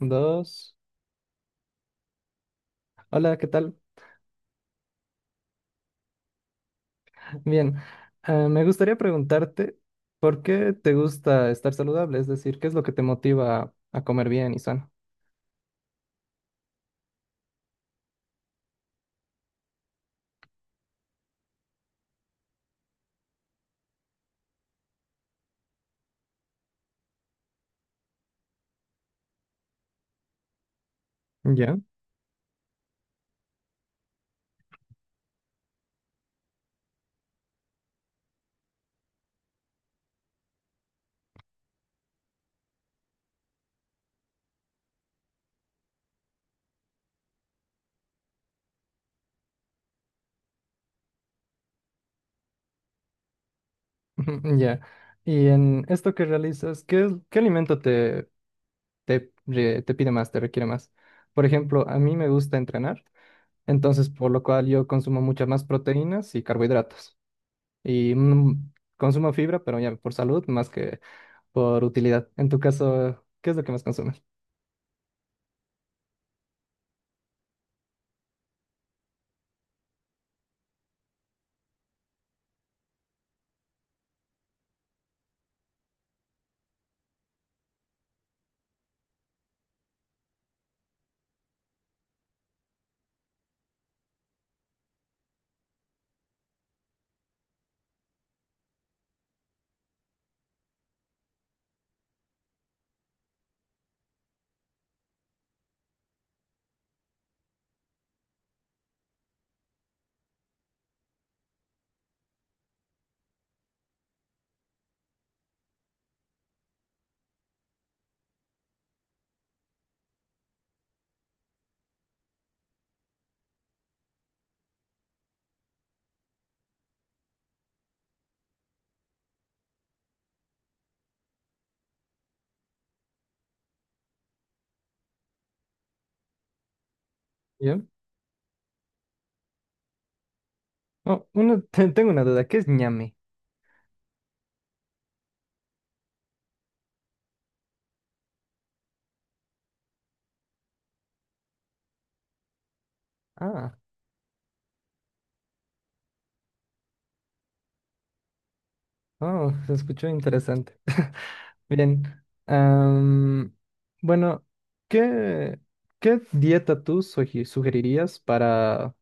Dos. Hola, ¿qué tal? Bien. Ah, me gustaría preguntarte, ¿por qué te gusta estar saludable? Es decir, ¿qué es lo que te motiva a comer bien y sano? Ya. Ujú, ya. Y en esto que realizas, ¿qué alimento te pide más, te requiere más? Por ejemplo, a mí me gusta entrenar, entonces por lo cual yo consumo muchas más proteínas y carbohidratos. Y consumo fibra, pero ya por salud más que por utilidad. En tu caso, ¿qué es lo que más consumes? Oh, uno, tengo una duda, ¿qué es ñame? Ah, oh, se escuchó interesante. Bien, am, bueno, ¿qué, ¿qué dieta tú sugerirías para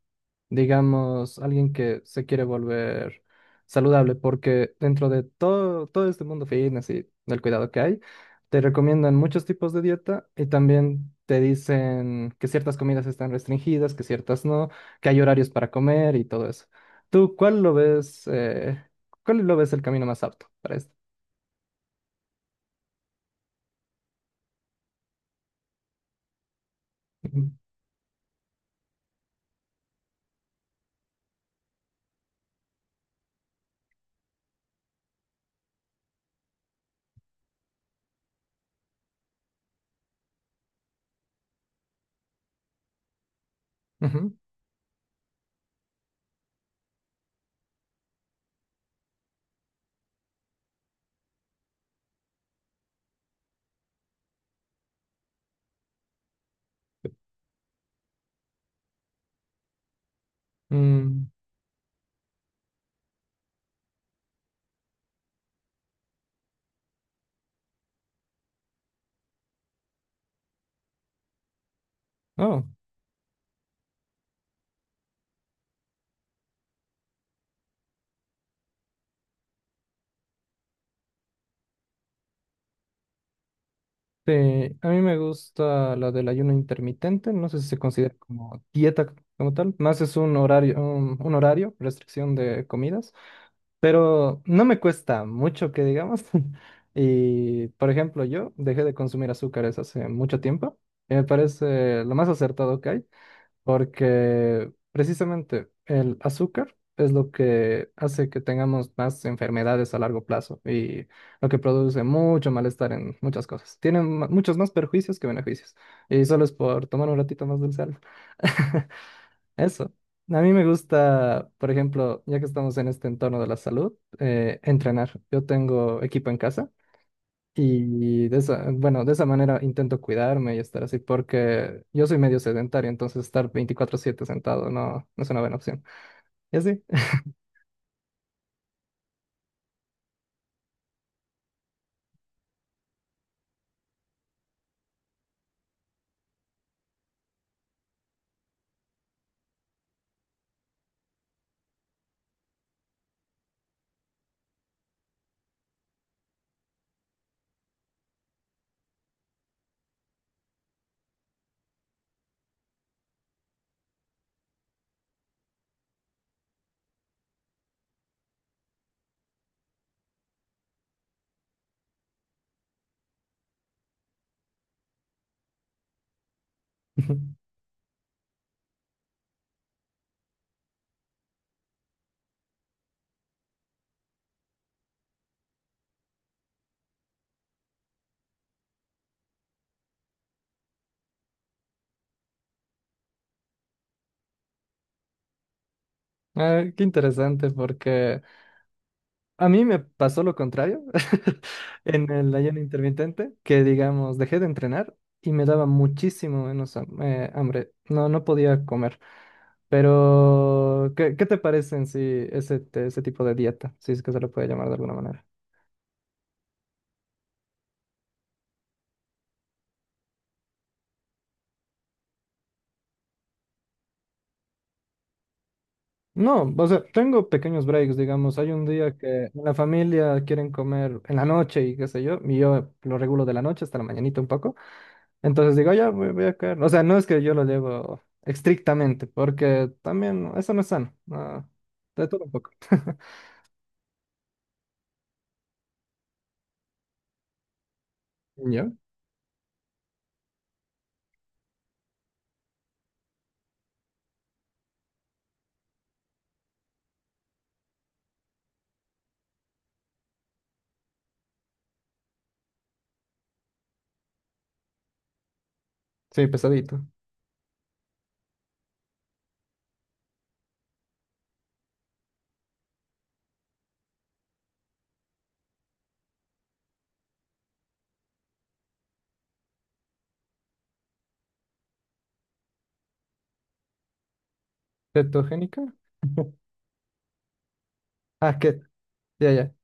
digamos, alguien que se quiere volver saludable, porque dentro de todo, todo este mundo fitness y del cuidado que hay, te recomiendan muchos tipos de dieta y también te dicen que ciertas comidas están restringidas, que ciertas no, que hay horarios para comer y todo eso. ¿Tú cuál lo ves el camino más apto para esto? Ujú. Ujú. Mm. Oh. Sí, a mí me gusta la del ayuno intermitente, no sé si se considera como dieta como tal, más es un horario, un horario, restricción de comidas, pero no me cuesta mucho que digamos. Y, por ejemplo, yo dejé de consumir azúcares hace mucho tiempo, y me parece lo más acertado que hay porque precisamente el azúcar es lo que hace que tengamos más enfermedades a largo plazo y lo que produce mucho malestar en muchas cosas. Tiene muchos más perjuicios que beneficios y solo es por tomar un ratito más del sal. Eso. A mí me gusta, por ejemplo, ya que estamos en este entorno de la salud, entrenar. Yo tengo equipo en casa. Y de esa, bueno, de esa manera intento cuidarme y estar así, porque yo soy medio sedentario, entonces estar 24/7 sentado no, no es una buena opción. Y así. Ah, qué interesante, porque a mí me pasó lo contrario en el ayuno intermitente, que digamos, dejé de entrenar y me daba muchísimo menos hambre. No, no podía comer. Pero, ¿qué te parecen si ese tipo de dieta, si es que se lo puede llamar de alguna manera? No, o sea, tengo pequeños breaks, digamos. Hay un día que en la familia quieren comer en la noche y qué sé yo, y yo lo regulo de la noche hasta la mañanita un poco. Entonces digo, "Ah, ya voy, voy a caer". O sea, no es que yo lo llevo estrictamente, porque también eso no es sano. No, de todo un poco. ¿Yo? Sí, pesadito. ¿Cetogénica? Ah, keto. Ya, ya.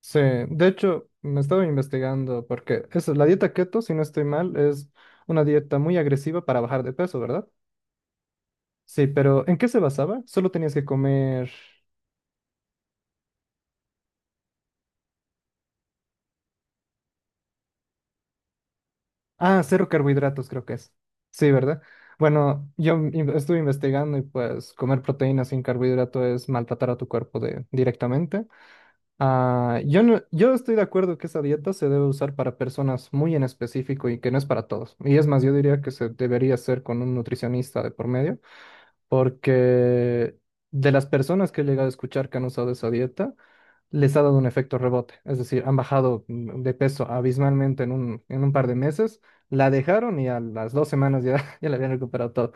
Sí, de hecho, me estaba investigando porque eso, la dieta keto, si no estoy mal, es una dieta muy agresiva para bajar de peso, ¿verdad? Sí, pero ¿en qué se basaba? Solo tenías que comer... Ah, cero carbohidratos creo que es. Sí, ¿verdad? Bueno, estuve investigando y pues comer proteínas sin carbohidrato es maltratar a tu cuerpo de, directamente. Ah, yo no, yo estoy de acuerdo que esa dieta se debe usar para personas muy en específico y que no es para todos. Y es más, yo diría que se debería hacer con un nutricionista de por medio, porque de las personas que he llegado a escuchar que han usado esa dieta, les ha dado un efecto rebote, es decir, han bajado de peso abismalmente en en un par de meses, la dejaron y a las 2 semanas ya, ya la habían recuperado todo.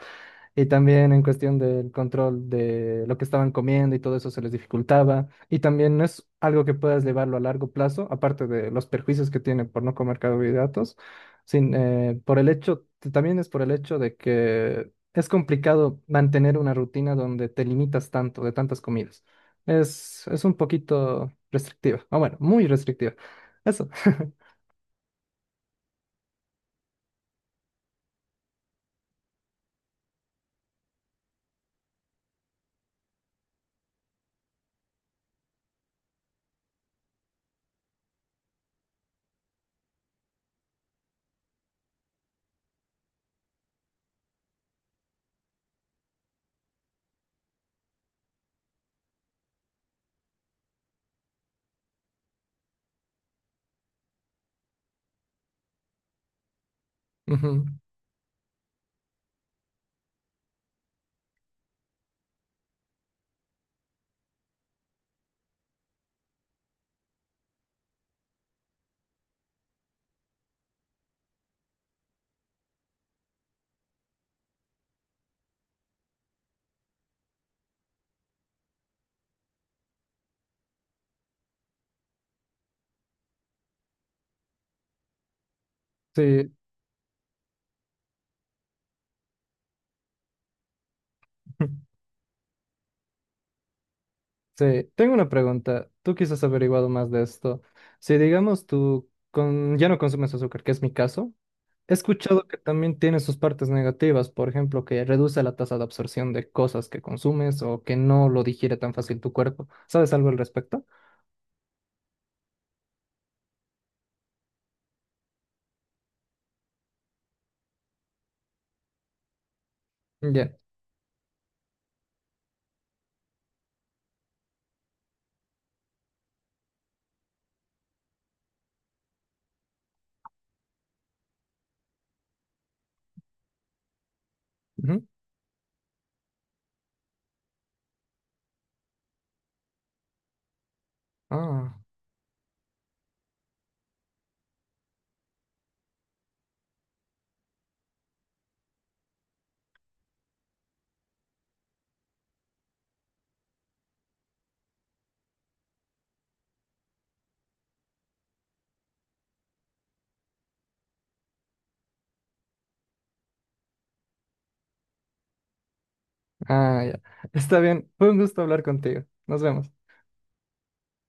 Y también en cuestión del control de lo que estaban comiendo y todo eso se les dificultaba. Y también no es algo que puedas llevarlo a largo plazo, aparte de los perjuicios que tiene por no comer carbohidratos, sin, por el hecho, también es por el hecho de que es complicado mantener una rutina donde te limitas tanto de tantas comidas. Es un poquito restrictiva, o bueno, muy restrictiva. Eso. Ujú. Sí. Sí, tengo una pregunta. Tú quizás has averiguado más de esto. Si digamos tú con... ya no consumes azúcar, que es mi caso, he escuchado que también tiene sus partes negativas, por ejemplo, que reduce la tasa de absorción de cosas que consumes o que no lo digiere tan fácil tu cuerpo. ¿Sabes algo al respecto? Ya. Ujú. Ah, ah, ya. Está bien. Fue un gusto hablar contigo. Nos vemos.